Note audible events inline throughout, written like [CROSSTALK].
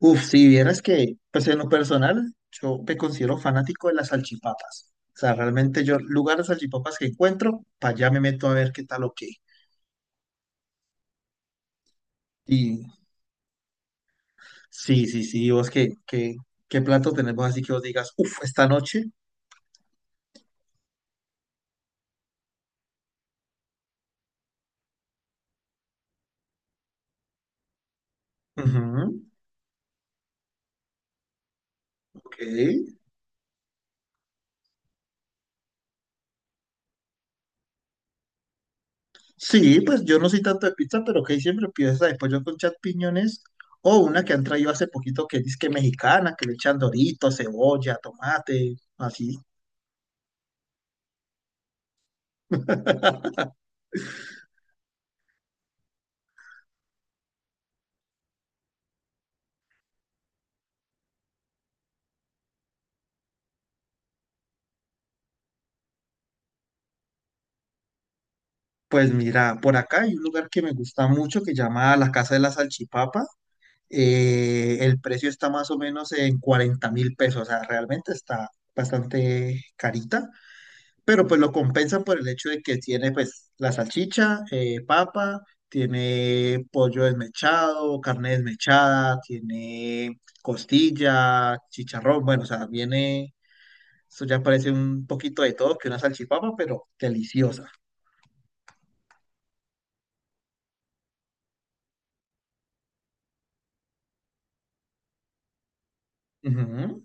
Uf, si vieras que, pues en lo personal, yo me considero fanático de las salchipapas. O sea, realmente yo, lugar de salchipapas que encuentro, para allá me meto a ver qué tal o qué. Y sí, sí, sí, vos qué, qué, qué plato tenemos así que vos digas, uf, esta noche. Ujú, ok. Sí, pues yo no soy tanto de pizza, pero que siempre pido esa de pollo con champiñones. O una que han traído hace poquito que es que mexicana, que le echan dorito, cebolla, tomate, así. [LAUGHS] Pues mira, por acá hay un lugar que me gusta mucho que llama La Casa de la Salchipapa. El precio está más o menos en 40.000 pesos, o sea, realmente está bastante carita, pero pues lo compensa por el hecho de que tiene pues la salchicha, papa, tiene pollo desmechado, carne desmechada, tiene costilla, chicharrón, bueno, o sea, viene, eso ya parece un poquito de todo que una salchipapa, pero deliciosa. Ujú.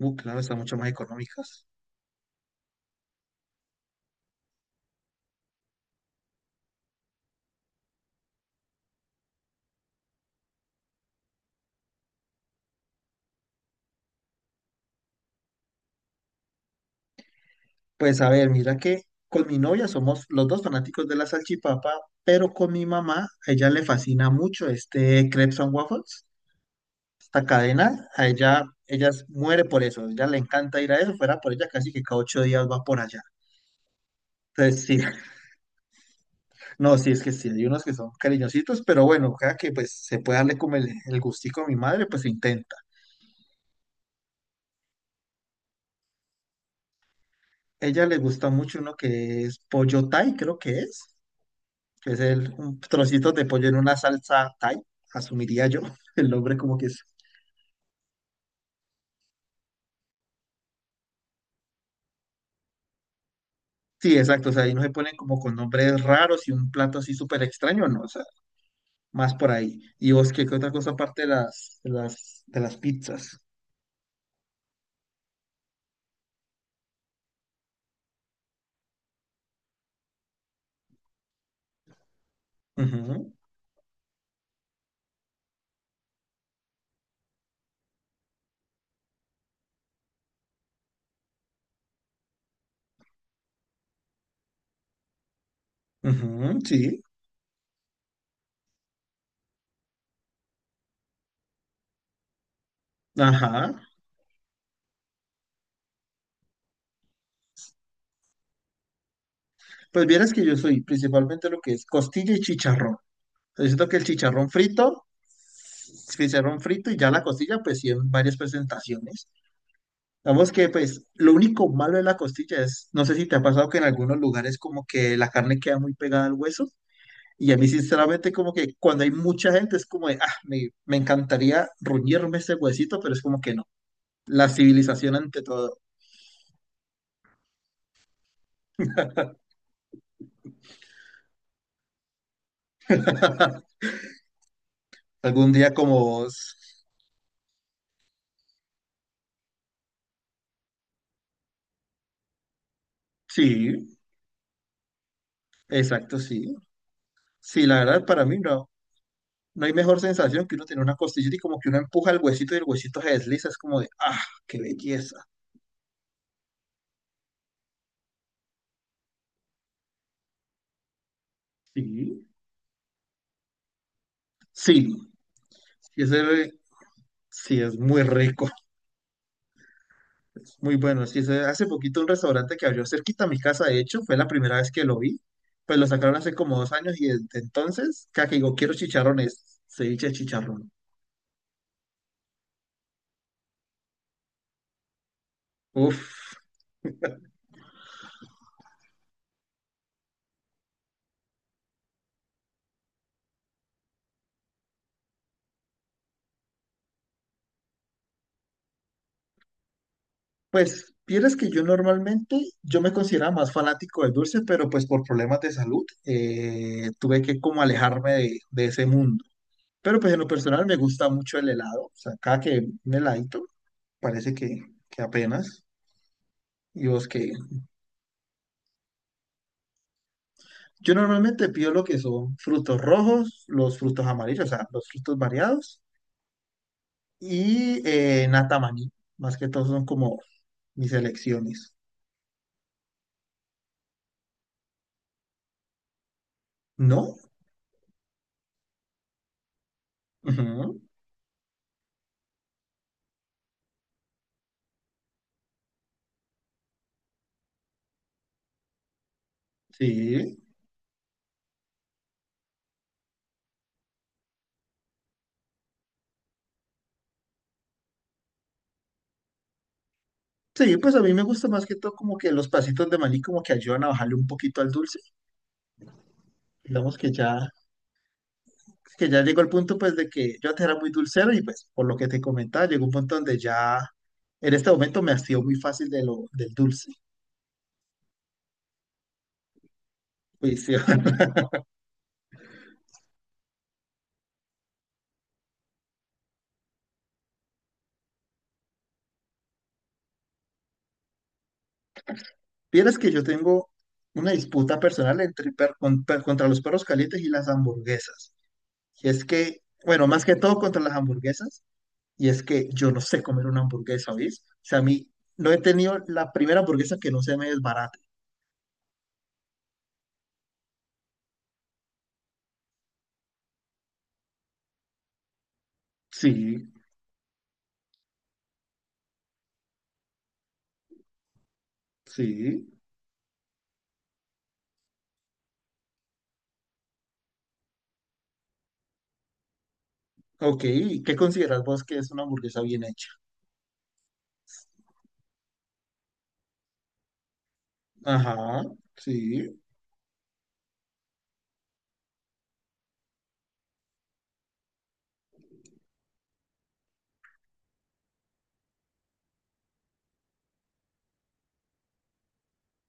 Claro, están mucho más económicas. Pues a ver, mira que con mi novia somos los dos fanáticos de la salchipapa, pero con mi mamá, a ella le fascina mucho este Crepes and Waffles, esta cadena, a ella, muere por eso, a ella le encanta ir a eso, fuera por ella casi que cada 8 días va por allá. Entonces sí, [LAUGHS] no, sí, es que sí, hay unos que son cariñositos, pero bueno, cada que pues se puede darle como el gustico a mi madre, pues se intenta. A ella le gusta mucho uno que es pollo Thai, creo que es. Que es un trocito de pollo en una salsa Thai, asumiría yo [LAUGHS] el nombre como que es. Sí, exacto, o sea, ahí no se ponen como con nombres raros y un plato así súper extraño, no, o sea, más por ahí. Y vos, ¿qué, qué otra cosa aparte de las pizzas? Ujú, ujú, sí, ajá. Pues vieras que yo soy principalmente lo que es costilla y chicharrón. Yo siento que el chicharrón frito y ya la costilla, pues sí, en varias presentaciones. Vamos que pues lo único malo de la costilla es, no sé si te ha pasado que en algunos lugares como que la carne queda muy pegada al hueso y a mí sinceramente como que cuando hay mucha gente es como de, ah, me encantaría ruñirme ese huesito, pero es como que no. La civilización ante todo. [LAUGHS] Algún día como, s- sí, exacto, sí. Sí, la verdad para mí no, no hay mejor sensación que uno tener una costilla y como que uno empuja el huesito y el huesito se desliza, es como de, ah, qué belleza. Sí. Sí, y ese, sí, es muy rico, [LAUGHS] muy bueno. Sí, se- hace poquito un restaurante que abrió cerquita a mi casa, de hecho, fue la primera vez que lo vi. Pues lo sacaron hace como 2 años y desde entonces, cada que digo, quiero chicharrones, ceviche de chicharrón. Uf, pues, vieras que yo normalmente, yo me consideraba más fanático del dulce, pero pues por problemas de salud, tuve que como alejarme de ese mundo. Pero pues en lo personal me gusta mucho el helado, o sea, cada que un heladito, parece que apenas. ¿Y vos qué? Yo normalmente pido lo que son frutos rojos, los frutos amarillos, o sea, los frutos variados y nata maní. Más que todo son como mis elecciones. ¿No? Ujú, sí. Sí, pues a mí me gusta más que todo como que los pasitos de maní como que ayudan a bajarle un poquito al dulce. Digamos que que ya llegó el punto pues de que yo antes era muy dulcero y pues por lo que te comentaba, llegó un punto donde ya en este momento me hastío muy fácil de del dulce. Pues, sí. Vieras que yo tengo una disputa personal entre per- con- per- contra los perros calientes y las hamburguesas. Y es que, bueno, más que todo contra las hamburguesas, y es que yo no sé comer una hamburguesa, ¿oís? O sea, a mí no he tenido la primera hamburguesa que no se me desbarate. Sí, sí. Ok, ¿qué consideras vos que es una hamburguesa bien hecha? Ajá, sí,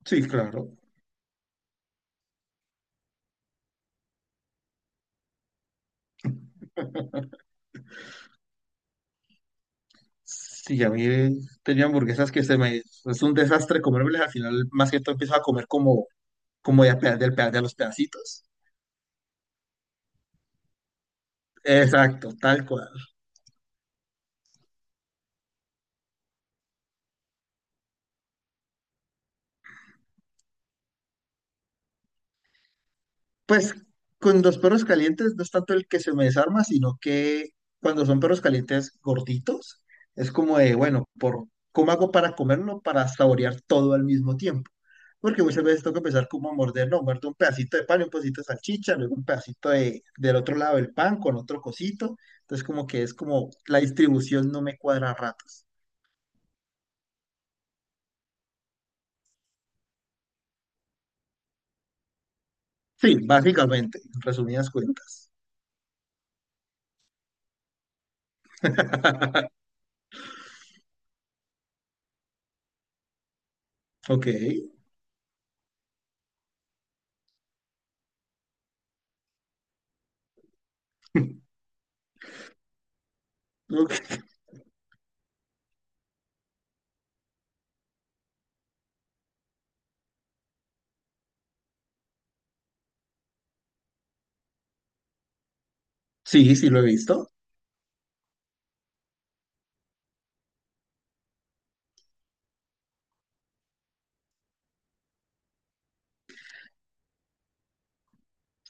sí, claro. Sí, a mí he tenido hamburguesas que se me... Es un desastre comérmelas, al final más que todo empiezo a comer como ya de los pedacitos. Exacto, tal cual. Pues con los perros calientes no es tanto el que se me desarma, sino que cuando son perros calientes gorditos, es como de, bueno, por, ¿cómo hago para comerlo, para saborear todo al mismo tiempo? Porque muchas veces tengo que empezar como a morder, no, muerto un pedacito de pan, y un pedacito de salchicha, luego un pedacito del otro lado del pan con otro cosito. Entonces como que es como la distribución no me cuadra a ratos. Sí, básicamente, en resumidas cuentas. [LAUGHS] Ok. Ok. Sí, sí lo he visto.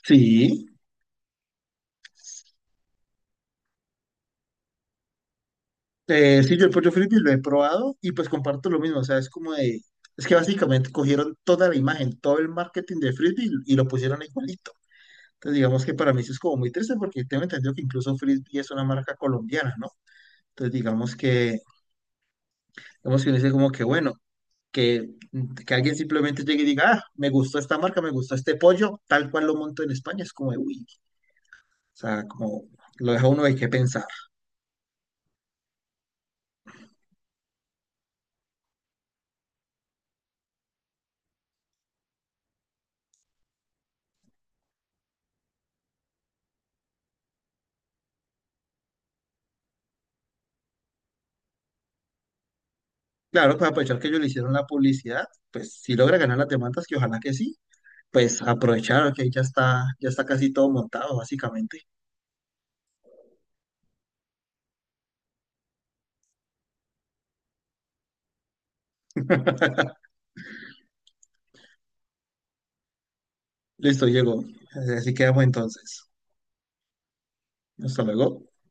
Sí. Sí, yo el pollo frisbee lo he probado y pues comparto lo mismo. O sea, es como de. Es que básicamente cogieron toda la imagen, todo el marketing de frisbee y lo pusieron igualito. Entonces, digamos que para mí eso es como muy triste porque tengo entendido que incluso frisbee es una marca colombiana, ¿no? Entonces, digamos que. Digamos que uno dice como que bueno. Que, que alguien simplemente llegue y diga, ah, me gustó esta marca, me gustó este pollo, tal cual lo monto en España, es como de, uy, o sea, como lo deja uno de qué pensar. Claro, pues aprovechar que ellos le hicieron la publicidad, pues si logra ganar las demandas, que ojalá que sí, pues aprovechar que ya está casi todo montado, básicamente. [LAUGHS] Listo, llegó. Así quedamos entonces. Hasta luego.